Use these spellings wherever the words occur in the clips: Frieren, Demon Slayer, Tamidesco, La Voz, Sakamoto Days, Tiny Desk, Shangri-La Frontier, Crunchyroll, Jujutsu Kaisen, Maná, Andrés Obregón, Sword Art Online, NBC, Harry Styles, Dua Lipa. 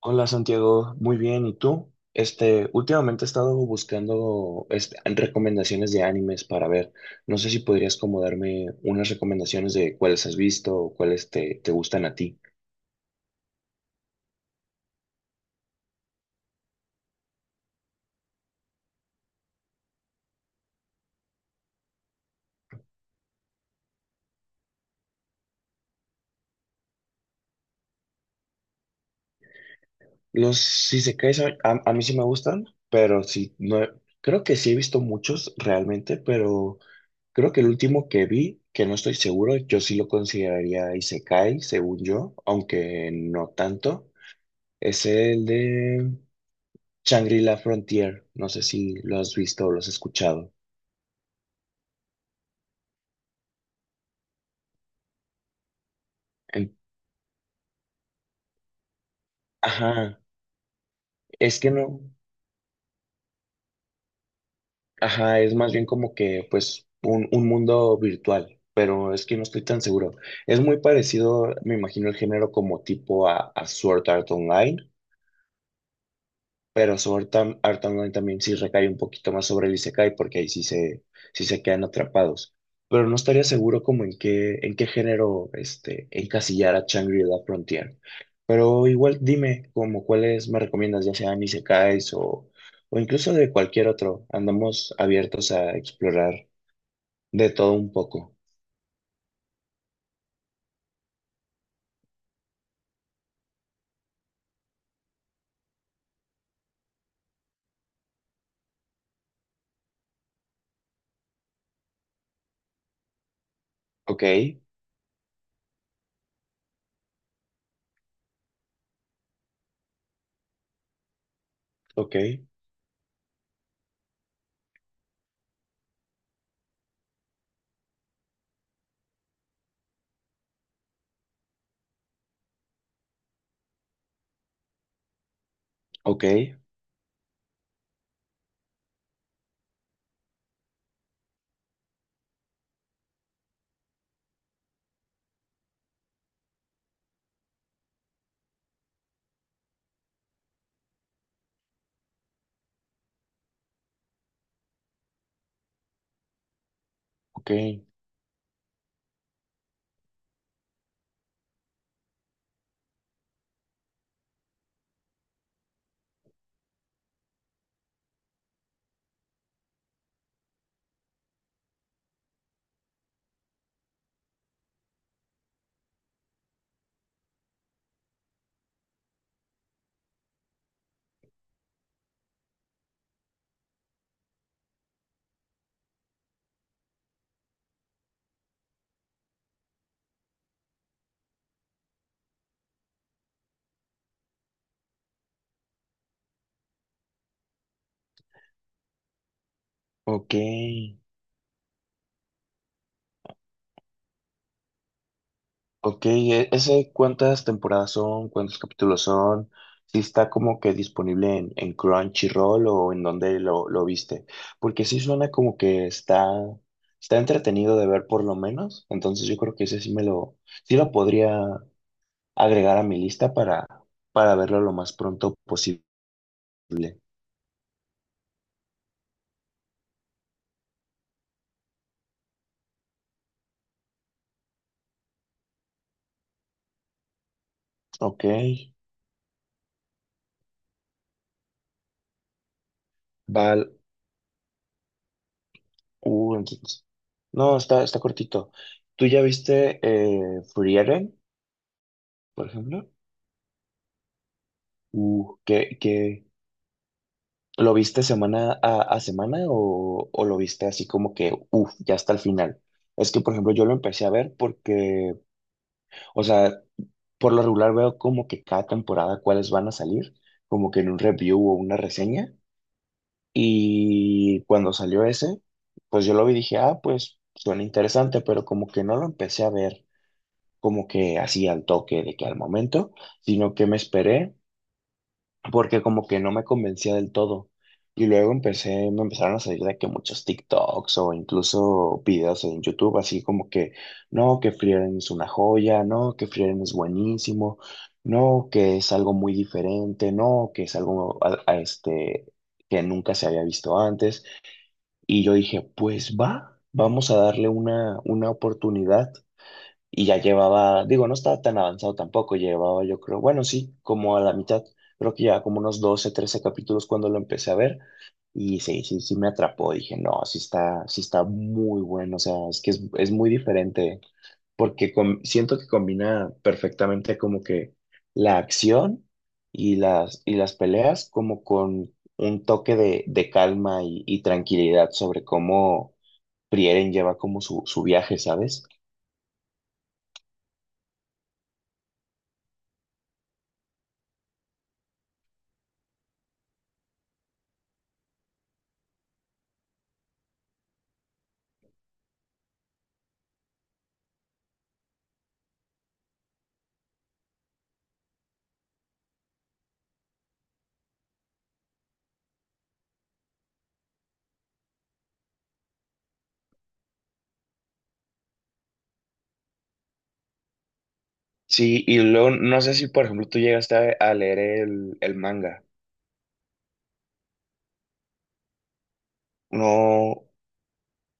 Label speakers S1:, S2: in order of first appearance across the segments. S1: Hola Santiago, muy bien, ¿y tú? Últimamente he estado buscando recomendaciones de animes para ver. No sé si podrías como darme unas recomendaciones de cuáles has visto o cuáles te gustan a ti. Los isekais a mí sí me gustan, pero sí, no, creo que sí he visto muchos realmente, pero creo que el último que vi, que no estoy seguro, yo sí lo consideraría isekai, según yo, aunque no tanto, es el de... Shangri-La Frontier, no sé si lo has visto o lo has escuchado. En- ajá, es que no, ajá, es más bien como que pues un mundo virtual, pero es que no estoy tan seguro. Es muy parecido, me imagino, el género como tipo a Sword Art Online. Pero su Art Online también sí recae un poquito más sobre el Isekai, porque sí se quedan atrapados. Pero no estaría seguro como en qué género encasillar a Shangri-La Frontier. Pero igual dime como cuáles me recomiendas, ya sean Isekais o incluso de cualquier otro. Andamos abiertos a explorar de todo un poco. Ok, ok, ok, ok, ok. Ok, ¿ese cuántas temporadas son? ¿Cuántos capítulos son? ¿Si está como que disponible en Crunchyroll o en donde lo viste? Porque sí suena como que está entretenido de ver por lo menos. Entonces yo creo que ese sí me lo, sí lo podría agregar a mi lista para verlo lo más pronto posible. Ok, Val, uh, entonces- No, está cortito. ¿Tú ya viste Frieren, por ejemplo? Uh, ¿qué, qué- ¿Lo viste semana a semana o lo viste así como que, uff, ya hasta el final? Es que, por ejemplo, yo lo empecé a ver porque, o sea, por lo regular veo como que cada temporada cuáles van a salir, como que en un review o una reseña. Y cuando salió ese, pues yo lo vi y dije, ah, pues suena interesante, pero como que no lo empecé a ver como que así al toque de que al momento, sino que me esperé porque como que no me convencía del todo. Y luego empecé, me empezaron a salir de que muchos TikToks o incluso videos en YouTube, así como que, no, que Frieren es una joya, no, que Frieren es buenísimo, no, que es algo muy diferente, no, que es algo que nunca se había visto antes. Y yo dije, pues va, vamos a darle una oportunidad y ya llevaba, digo, no estaba tan avanzado tampoco, llevaba yo creo, bueno, sí, como a la mitad, creo que ya como unos 12 13 capítulos cuando lo empecé a ver y sí me atrapó, dije, no, sí está muy bueno, o sea, es muy diferente porque siento que combina perfectamente como que la acción y las peleas como con un toque de calma y tranquilidad sobre cómo Prieren lleva como su viaje, ¿sabes? Sí, y luego no sé si, por ejemplo, tú llegaste a leer el manga. No,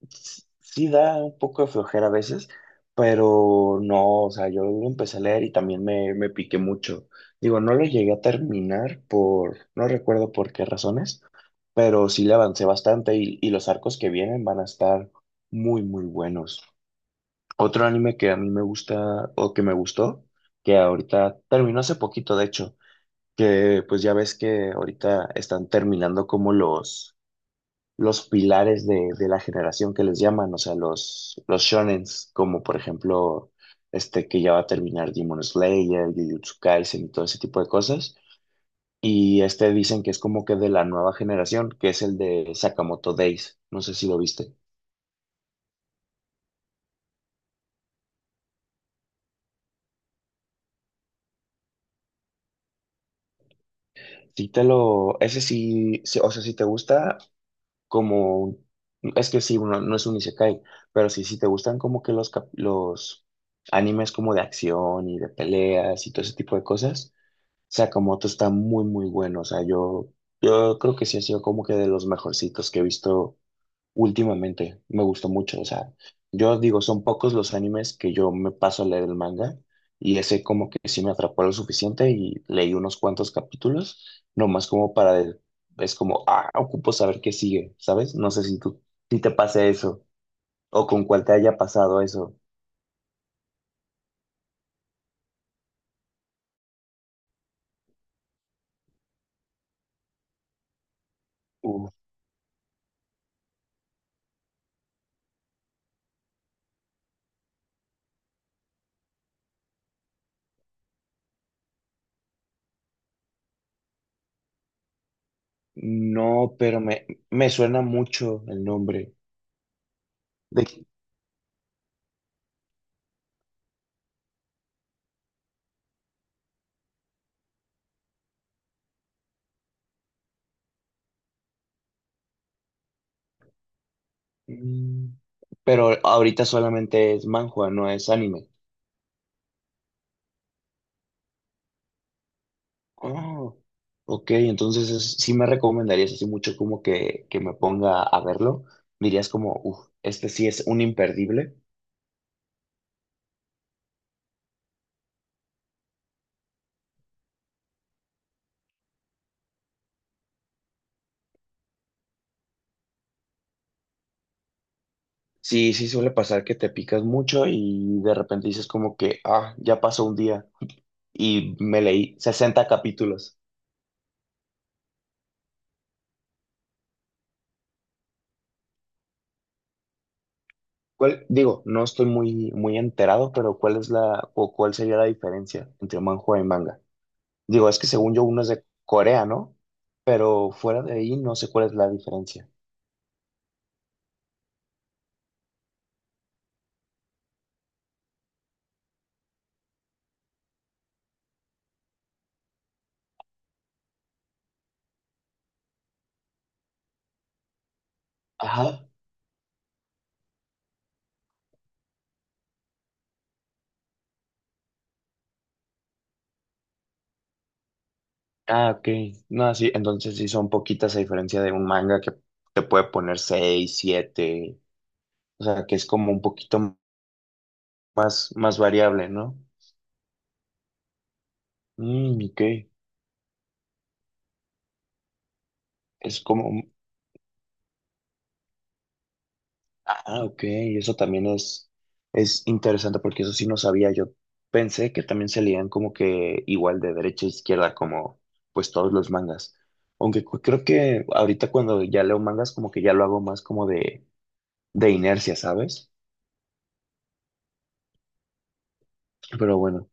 S1: sí da un poco de flojera a veces, pero no, o sea, yo lo empecé a leer y también me piqué mucho. Digo, no lo llegué a terminar por, no recuerdo por qué razones, pero sí le avancé bastante y los arcos que vienen van a estar muy, muy buenos. Otro anime que a mí me gusta o que me gustó, que ahorita terminó hace poquito, de hecho. Que pues ya ves que ahorita están terminando como los pilares de la generación que les llaman, o sea, los shonens, como por ejemplo, este que ya va a terminar Demon Slayer, Jujutsu Kaisen y todo ese tipo de cosas. Y este dicen que es como que de la nueva generación, que es el de Sakamoto Days. No sé si lo viste. Ese sí, sí, o sea, si te gusta, como un- es que sí, uno no es un isekai, pero sí, si te gustan como que los animes como de acción y de peleas y todo ese tipo de cosas, Sakamoto está muy muy bueno, o sea, yo creo que sí ha sido como que de los mejorcitos que he visto. Últimamente me gustó mucho, o sea, yo digo, son pocos los animes que yo me paso a leer el manga y ese como que sí me atrapó lo suficiente y leí unos cuantos capítulos, nomás como es como, ah, ocupo saber qué sigue, ¿sabes? No sé si tú, si te pase eso o con cuál te haya pasado eso. Uf, no, pero me suena mucho el nombre. De, mm, pero ahorita solamente es manhwa, no es anime. Oh, ok, entonces sí me recomendarías así mucho como que me ponga a verlo. Dirías como, uff, este sí es un imperdible. Sí, sí suele pasar que te picas mucho y de repente dices como que, ah, ya pasó un día y me leí 60 capítulos. ¿Cuál, digo, no estoy muy, muy enterado, pero ¿cuál es o cuál sería la diferencia entre manhua y manga? Digo, es que según yo uno es de Corea, ¿no? Pero fuera de ahí no sé cuál es la diferencia. Ajá. Ah, ok. No, sí, entonces sí son poquitas a diferencia de un manga que te puede poner seis, siete, o sea, que es como un poquito más, más variable, ¿no? Mm, ok. Es como, un- ah, ok, eso también es interesante porque eso sí no sabía. Yo pensé que también se leían como que igual de derecha a izquierda, como pues todos los mangas. Aunque creo que ahorita cuando ya leo mangas, como que ya lo hago más como de inercia, ¿sabes? Pero bueno.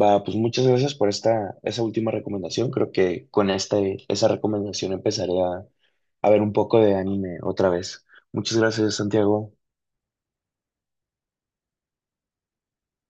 S1: Va, pues muchas gracias por esa última recomendación. Creo que con esa recomendación empezaré a ver un poco de anime otra vez. Muchas gracias, Santiago.